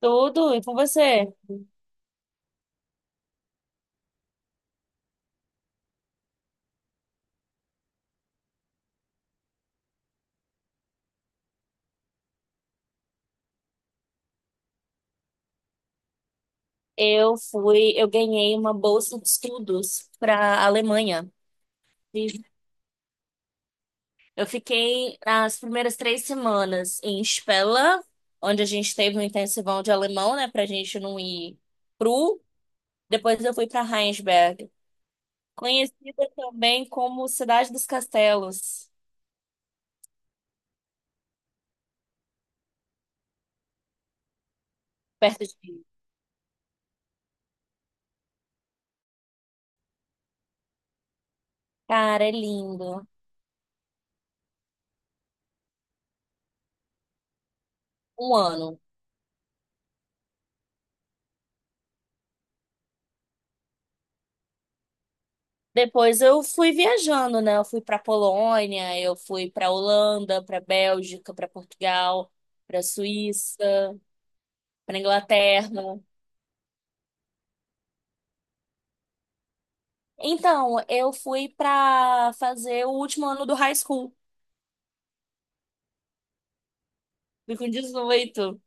Tudo, e com você? Eu ganhei uma bolsa de estudos para a Alemanha. E eu fiquei as primeiras 3 semanas em Spella, onde a gente teve um intensivão de alemão, né, pra gente não ir cru. Depois eu fui para Heinsberg, conhecida também como Cidade dos Castelos, perto de. Cara, é lindo. Um ano. Depois eu fui viajando, né? Eu fui para Polônia, eu fui para Holanda, para Bélgica, para Portugal, para Suíça, para Inglaterra. Então, eu fui para fazer o último ano do high school, fui com 18.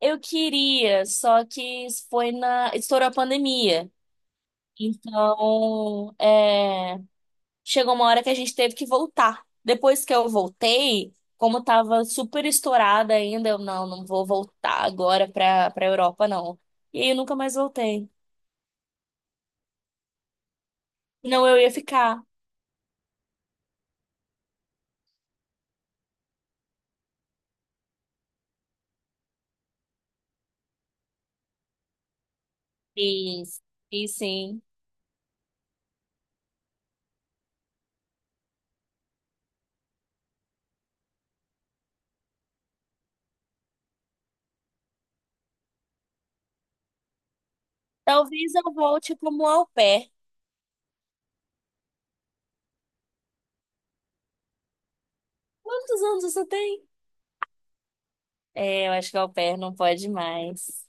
Eu queria, só que foi na estourou a pandemia. Então, chegou uma hora que a gente teve que voltar. Depois que eu voltei, como tava super estourada ainda, eu não, não vou voltar agora pra Europa, não. E aí eu nunca mais voltei. Não, eu ia ficar. Fiz, fiz sim. Talvez eu volte como au pair. Quantos anos você tem? É, eu acho que au pair não pode mais.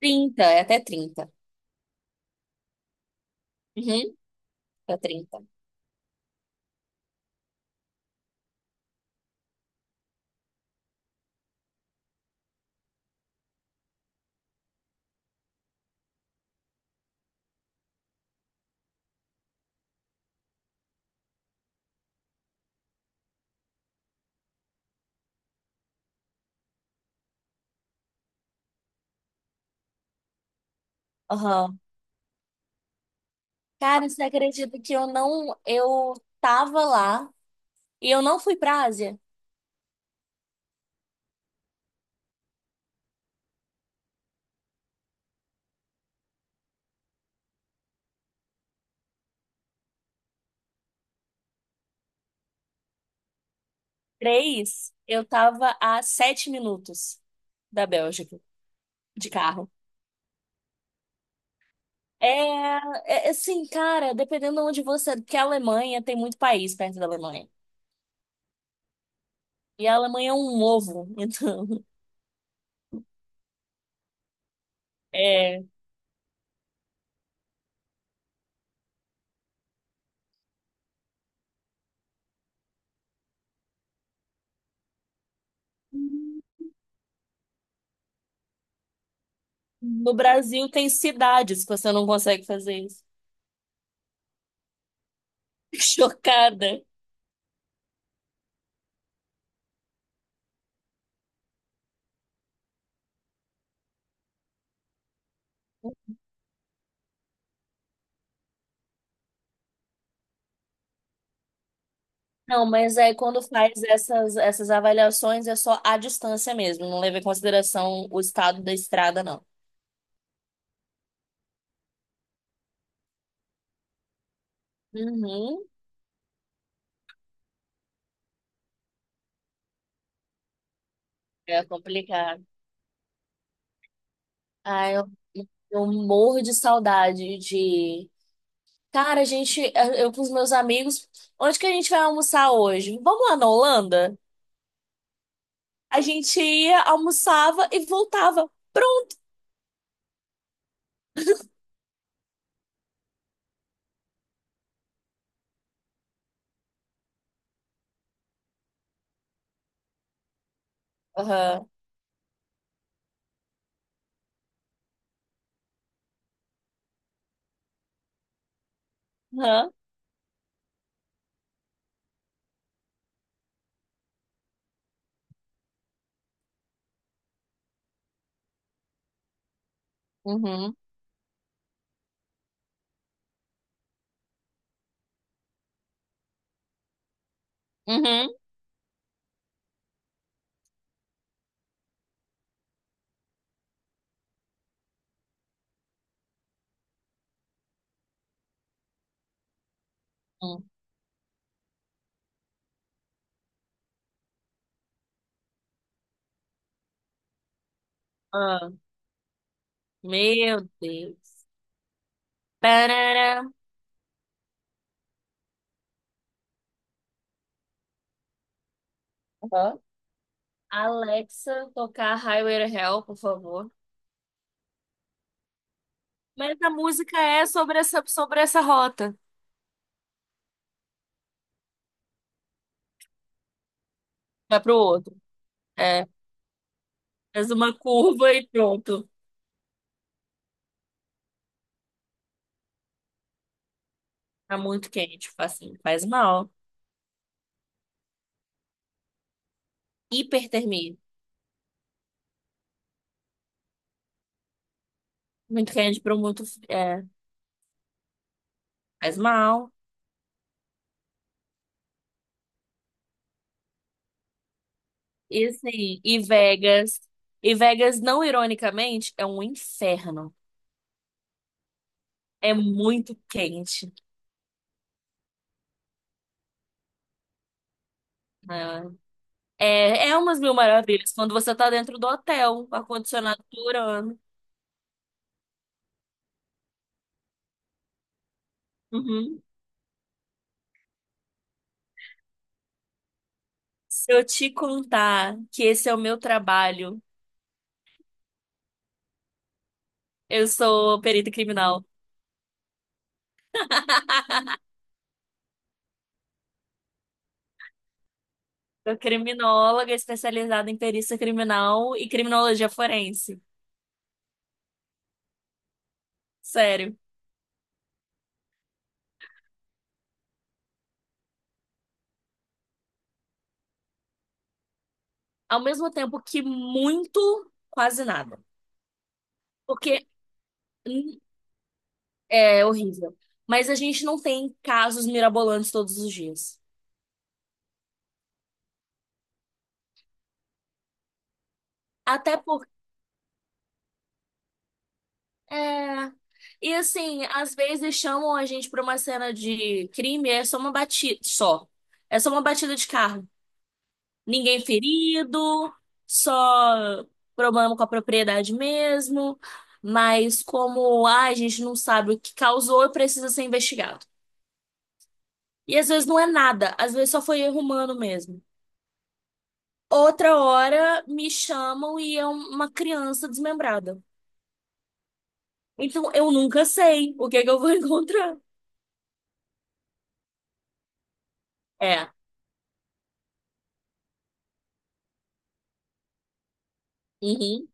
30, é até 30. Uhum, até 30. Aham. Cara, você acredita que eu não. Eu tava lá e eu não fui pra Ásia? Três eu tava a 7 minutos da Bélgica, de carro. É, assim, cara, dependendo de onde você. Porque a Alemanha tem muito país perto da Alemanha. E a Alemanha é um ovo, então. É. No Brasil tem cidades que você não consegue fazer isso. Chocada. Não, mas aí quando faz essas avaliações é só a distância mesmo, não leva em consideração o estado da estrada, não. Uhum, é complicado. Ai, eu morro de saudade de. Cara, a gente, eu com os meus amigos, onde que a gente vai almoçar hoje? Vamos lá na Holanda? A gente ia, almoçava e voltava. Pronto! Aham, aham, uhum, uhum, uhum. Ah, meu Deus. Parará. Aham. Alexa, tocar Highway to Hell, por favor. Mas a música é sobre essa rota. Vai pro outro. É, faz uma curva e pronto. Tá muito quente, tipo assim, faz mal. Hipertermia. Muito quente para muito. É, faz mal. E assim, e Vegas. E Vegas, não ironicamente, é um inferno. É muito quente, né? É umas mil maravilhas quando você tá dentro do hotel, ar-condicionado durando. Uhum. Se eu te contar que esse é o meu trabalho, eu sou perita criminal. Sou criminóloga especializada em perícia criminal e criminologia forense. Sério. Ao mesmo tempo que muito, quase nada. Porque hum, é horrível. Mas a gente não tem casos mirabolantes todos os dias. Até porque. É... E assim, às vezes chamam a gente pra uma cena de crime, é só uma batida. Só. É só uma batida de carro. Ninguém ferido, só problema com a propriedade mesmo. Mas como a gente não sabe o que causou, precisa ser investigado. E às vezes não é nada, às vezes só foi erro humano mesmo. Outra hora me chamam e é uma criança desmembrada. Então eu nunca sei o que é que eu vou encontrar. É. Uhum.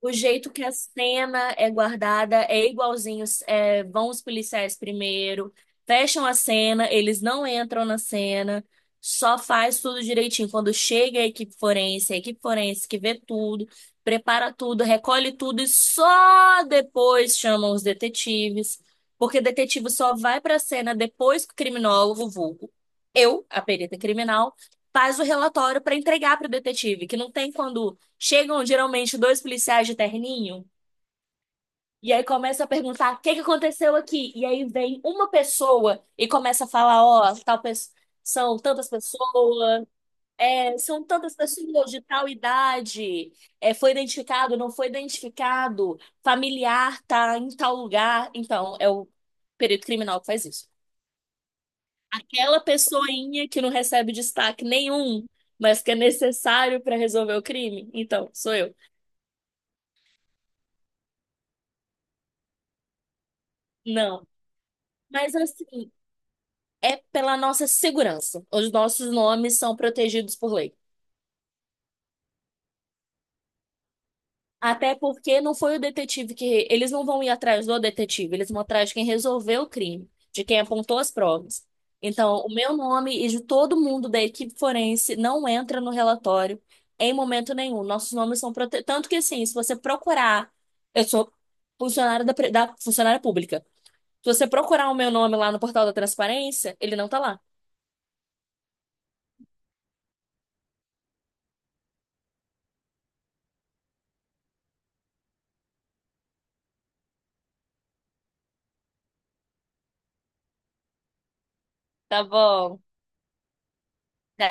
O jeito que a cena é guardada é igualzinho. Vão os policiais primeiro, fecham a cena, eles não entram na cena, só faz tudo direitinho. Quando chega a equipe forense que vê tudo, prepara tudo, recolhe tudo e só depois chamam os detetives, porque detetive só vai para a cena depois que o criminólogo, vulgo, eu, a perita criminal, faz o relatório para entregar para o detetive, que não tem quando. Chegam geralmente dois policiais de terninho e aí começa a perguntar o que que aconteceu aqui. E aí vem uma pessoa e começa a falar, ó, tal pessoa. São tantas pessoas, são tantas pessoas de tal idade, foi identificado, não foi identificado, familiar tá em tal lugar. Então, é o perito criminal que faz isso. Aquela pessoinha que não recebe destaque nenhum, mas que é necessário para resolver o crime, então, sou eu. Não. Mas assim, é pela nossa segurança. Os nossos nomes são protegidos por lei. Até porque não foi o detetive que. Eles não vão ir atrás do detetive, eles vão atrás de quem resolveu o crime, de quem apontou as provas. Então, o meu nome e de todo mundo da equipe forense não entra no relatório em momento nenhum. Nossos nomes são protegidos. Tanto que, assim, se você procurar. Eu sou funcionária da funcionária pública. Se você procurar o meu nome lá no portal da transparência, ele não tá lá, tá bom? Tchau.